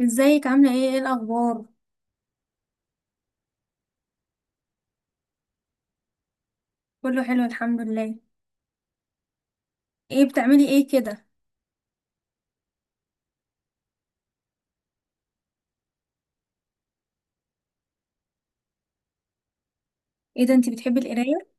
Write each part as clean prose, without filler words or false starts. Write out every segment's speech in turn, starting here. ازيك، عاملة ايه؟ ايه الأخبار؟ كله حلو الحمد لله. ايه بتعملي ايه كده؟ ايه ده، انتي بتحبي القراية؟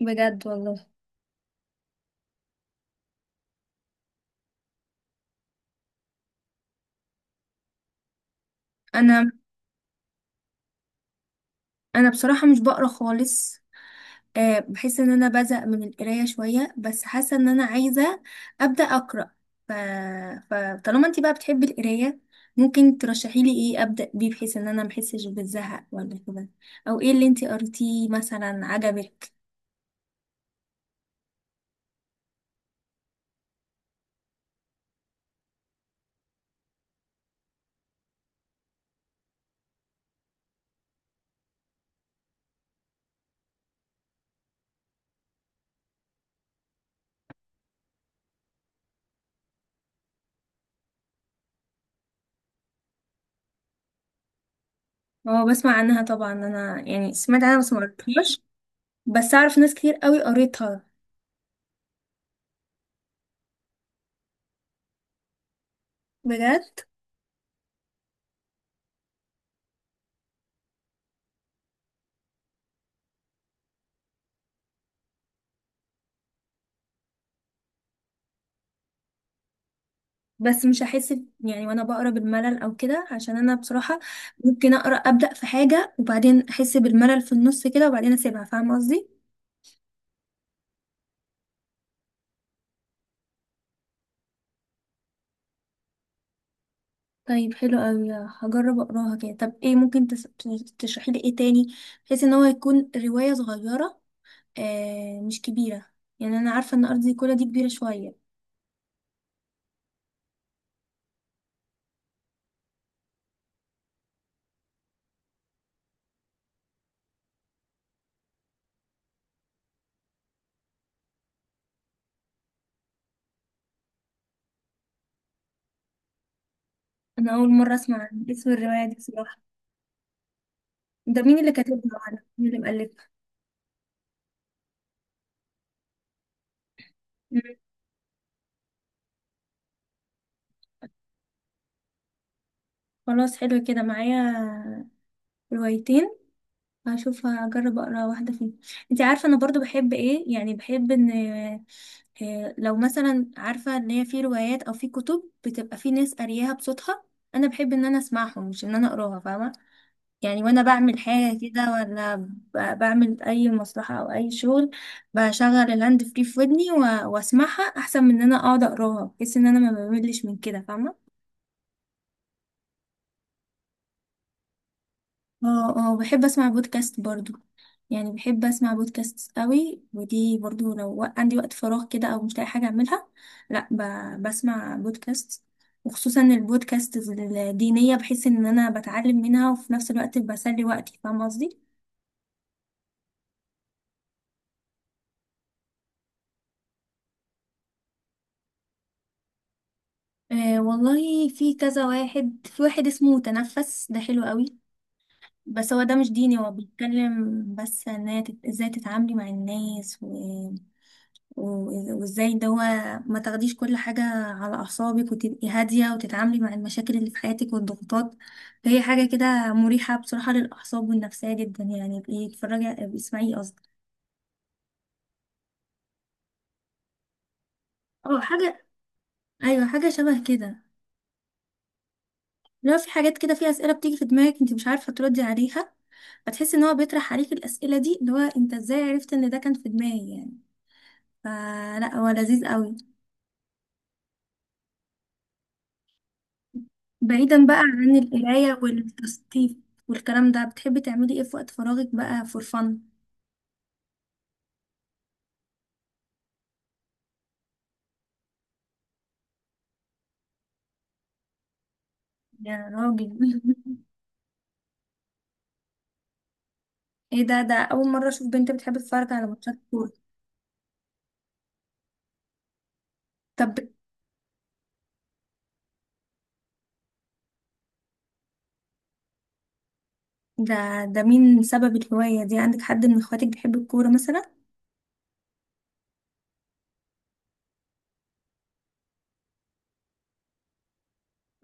بجد والله. انا انا بصراحة مش بقرا خالص. بحس ان انا بزهق من القراية شوية، بس حاسة ان انا عايزة أبدأ أقرأ. ف... فطالما انتي بقى بتحبي القراية، ممكن ترشحي لي ايه أبدأ بيه بحيث ان انا محسش بالزهق ولا كده؟ او ايه اللي انتي قريتيه مثلا عجبك؟ اه بسمع عنها طبعا، انا يعني سمعت عنها بس ما قريتهاش. بس اعرف ناس كتير قوي قريتها. بجد. بس مش هحس يعني وانا بقرا بالملل او كده، عشان انا بصراحه ممكن اقرا ابدا في حاجه وبعدين احس بالملل في النص كده وبعدين اسيبها، فاهمه قصدي؟ طيب حلو قوي، هجرب اقراها كده. طب ايه ممكن تشرحي لي ايه تاني بحيث ان هو يكون روايه صغيره، آه، مش كبيره؟ يعني انا عارفه ان ارض كلها دي كبيره شويه. انا اول مره اسمع عن اسم الروايه دي بصراحه. ده مين اللي كاتبها ولا مين اللي مؤلفها؟ مم. خلاص، حلو كده معايا روايتين، هشوف هجرب اقرا واحده فيهم. انت عارفه انا برضو بحب ايه؟ يعني بحب ان، لو مثلا عارفه ان هي في روايات او في كتب بتبقى في ناس قارياها بصوتها، انا بحب ان انا اسمعهم مش ان انا اقراها، فاهمه؟ يعني وانا بعمل حاجه كده، ولا بعمل اي مصلحه او اي شغل، بشغل الهاند فري في ودني واسمعها احسن من ان انا اقعد اقراها، بحيث ان انا ما بملش من كده، فاهمه؟ اه اه، بحب اسمع بودكاست برضو. يعني بحب اسمع بودكاست قوي، ودي برضو لو عندي وقت فراغ كده او مش لاقي حاجه اعملها، لا ب... بسمع بودكاست. وخصوصا البودكاست الدينيه، بحس ان انا بتعلم منها وفي نفس الوقت بسلي وقتي، فاهمه قصدي؟ والله في كذا واحد، في واحد اسمه تنفس، ده حلو قوي. بس هو ده مش ديني، هو بيتكلم بس ان هي ازاي تتعاملي مع الناس، وازاي ان هو ما تاخديش كل حاجة على أعصابك، وتبقي هادية وتتعاملي مع المشاكل اللي في حياتك والضغوطات. فهي حاجة كده مريحة بصراحة للأعصاب والنفسية جدا، يعني ابقي اتفرجي، ابقي اسمعيه قصدي. اه حاجة، أيوة حاجة شبه كده. لو في حاجات كده، في أسئلة بتيجي في دماغك انت مش عارفة تردي عليها، فتحسي ان هو بيطرح عليك الأسئلة دي، اللي هو انت ازاي عرفت ان ده كان في دماغي يعني؟ فلا، هو لذيذ قوي. بعيدا بقى عن القراية والتثقيف والكلام ده، بتحبي تعملي ايه في وقت فراغك بقى فور فن؟ يا راجل! ايه ده؟ اول مرة اشوف بنت بتحب تتفرج على ماتشات كورة. طب ده ده مين سبب الهواية دي عندك؟ حد من اخواتك بيحب الكورة مثلا؟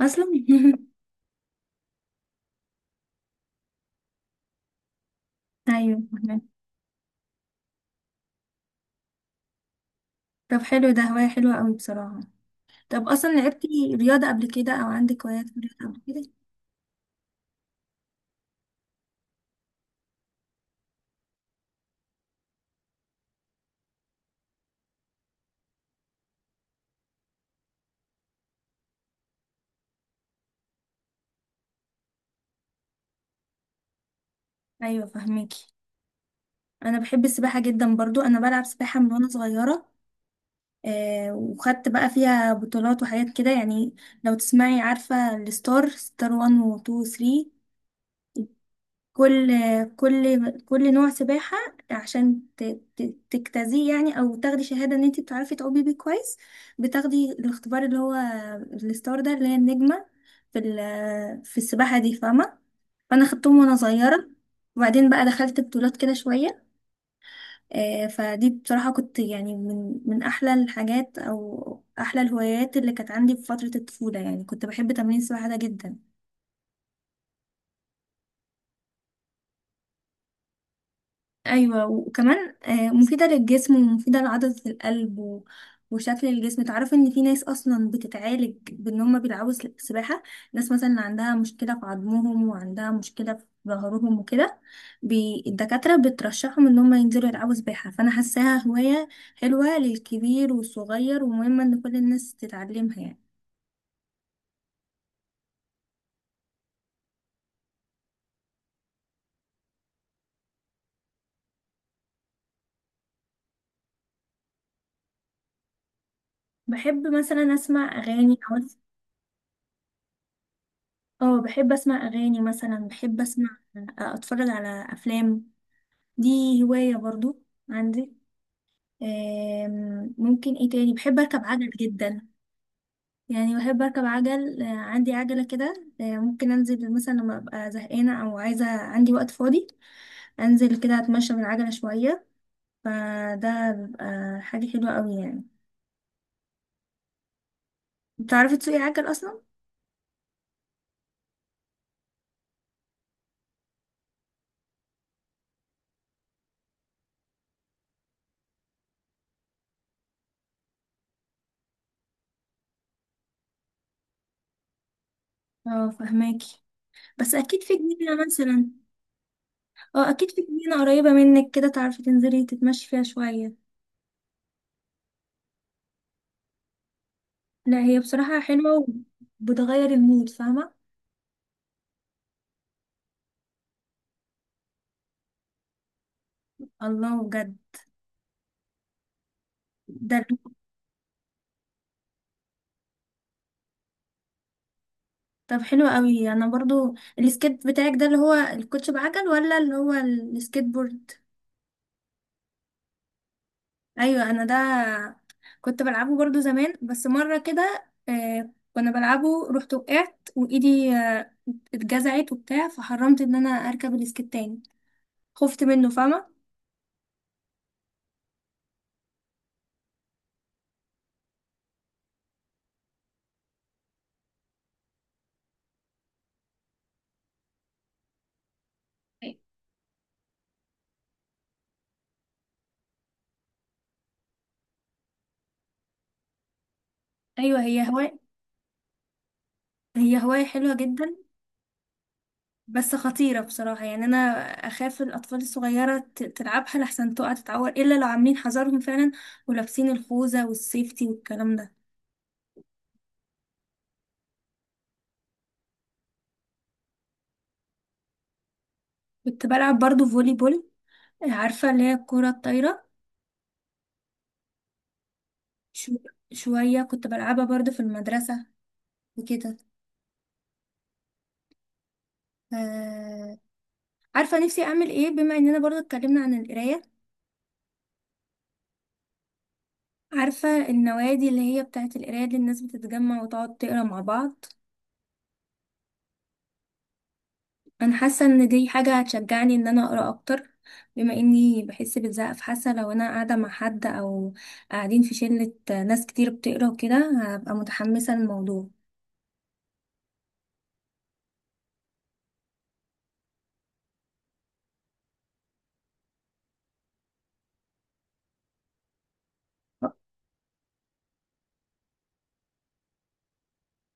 اصلا. ايوه فهمت. طب حلو، ده هواية حلوة قوي بصراحة. طب اصلا لعبتي رياضة قبل كده، او عندك هوايات في الرياضة قبل كده؟ ايوه فهماكي. انا بحب السباحة جدا برضو، انا بلعب سباحة من وانا صغيرة. وخدت بقى فيها بطولات وحاجات كده يعني. لو تسمعي، عارفة الستار، ستار 1 و 2 و 3، كل كل نوع سباحة عشان تجتازيه يعني، او تاخدي شهادة ان انت بتعرفي تعومي بيه كويس. بتاخدي الاختبار اللي هو الستار ده، اللي هي النجمة في في السباحة دي، فاهمة؟ فانا خدتهم وانا صغيرة، وبعدين بقى دخلت بطولات كده شوية. فدي بصراحة كنت يعني من أحلى الحاجات أو أحلى الهوايات اللي كانت عندي في فترة الطفولة، يعني كنت بحب تمرين السباحة ده جدا. ايوه وكمان مفيده للجسم ومفيده لعضله القلب وشكل الجسم. تعرف ان في ناس اصلا بتتعالج بان هم بيلعبوا سباحه، ناس مثلا عندها مشكله في عظمهم وعندها مشكله في ظهرهم وكده، الدكاتره بترشحهم ان هم ينزلوا يلعبوا سباحه. فانا حاساها هوايه حلوه للكبير والصغير، ومهمه ان كل الناس تتعلمها يعني. بحب مثلا اسمع اغاني او، اه بحب اسمع اغاني مثلا، بحب اسمع آه، اتفرج على افلام، دي هواية برضو عندي. ممكن ايه تاني، بحب اركب عجل جدا. يعني بحب اركب عجل، عندي عجلة كده. ممكن انزل مثلا لما ابقى زهقانة او عايزة، عندي وقت فاضي، انزل كده اتمشى بالعجلة شوية. فده بيبقى حاجة حلوة قوي يعني. بتعرفي تسوقي عجل اصلا؟ اه فهماكي. بس اكيد في جنينة مثلا، اه اكيد في جنينة قريبة منك كده، تعرفي تنزلي تتمشي فيها شوية. لا هي بصراحة حلوة وبتغير المود، فاهمة؟ الله، بجد؟ ده طب حلو قوي، انا برضو السكيت بتاعك ده اللي هو الكوتش بعجل، ولا اللي هو السكيت بورد؟ ايوه انا ده كنت بلعبه برضو زمان، بس مره كده، كنا بلعبه رحت وقعت وايدي اتجزعت وبتاع، فحرمت ان انا اركب السكيت تاني، خفت منه فاهمه؟ أي- ايوه، هي هوايه، هي هوايه حلوه جدا، بس خطيرة بصراحة يعني. أنا أخاف الأطفال الصغيرة تلعبها، لحسن تقع تتعور، إلا لو عاملين حذرهم فعلا ولابسين الخوذة والسيفتي والكلام ده. كنت بلعب برضو فولي بول، عارفة اللي هي الكرة الطايرة؟ شو شوية كنت بلعبها برضو في المدرسة وكده. آه... عارفة نفسي أعمل إيه بما إننا برضو اتكلمنا عن القراية؟ عارفة النوادي اللي هي بتاعت القراية، اللي الناس بتتجمع وتقعد تقرا مع بعض؟ انا حاسه ان دي حاجه هتشجعني ان انا اقرا اكتر، بما اني بحس بالزهق. فحاسه لو انا قاعده مع حد، او قاعدين في شله ناس كتير بتقرا وكده، هبقى متحمسه للموضوع.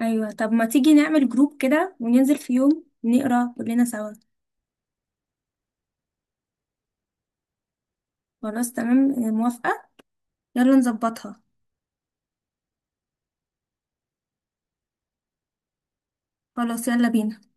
ايوه طب ما تيجي نعمل جروب كده وننزل في يوم نقرا كلنا سوا. خلاص تمام، موافقه، يلا نظبطها. خلاص يلا بينا.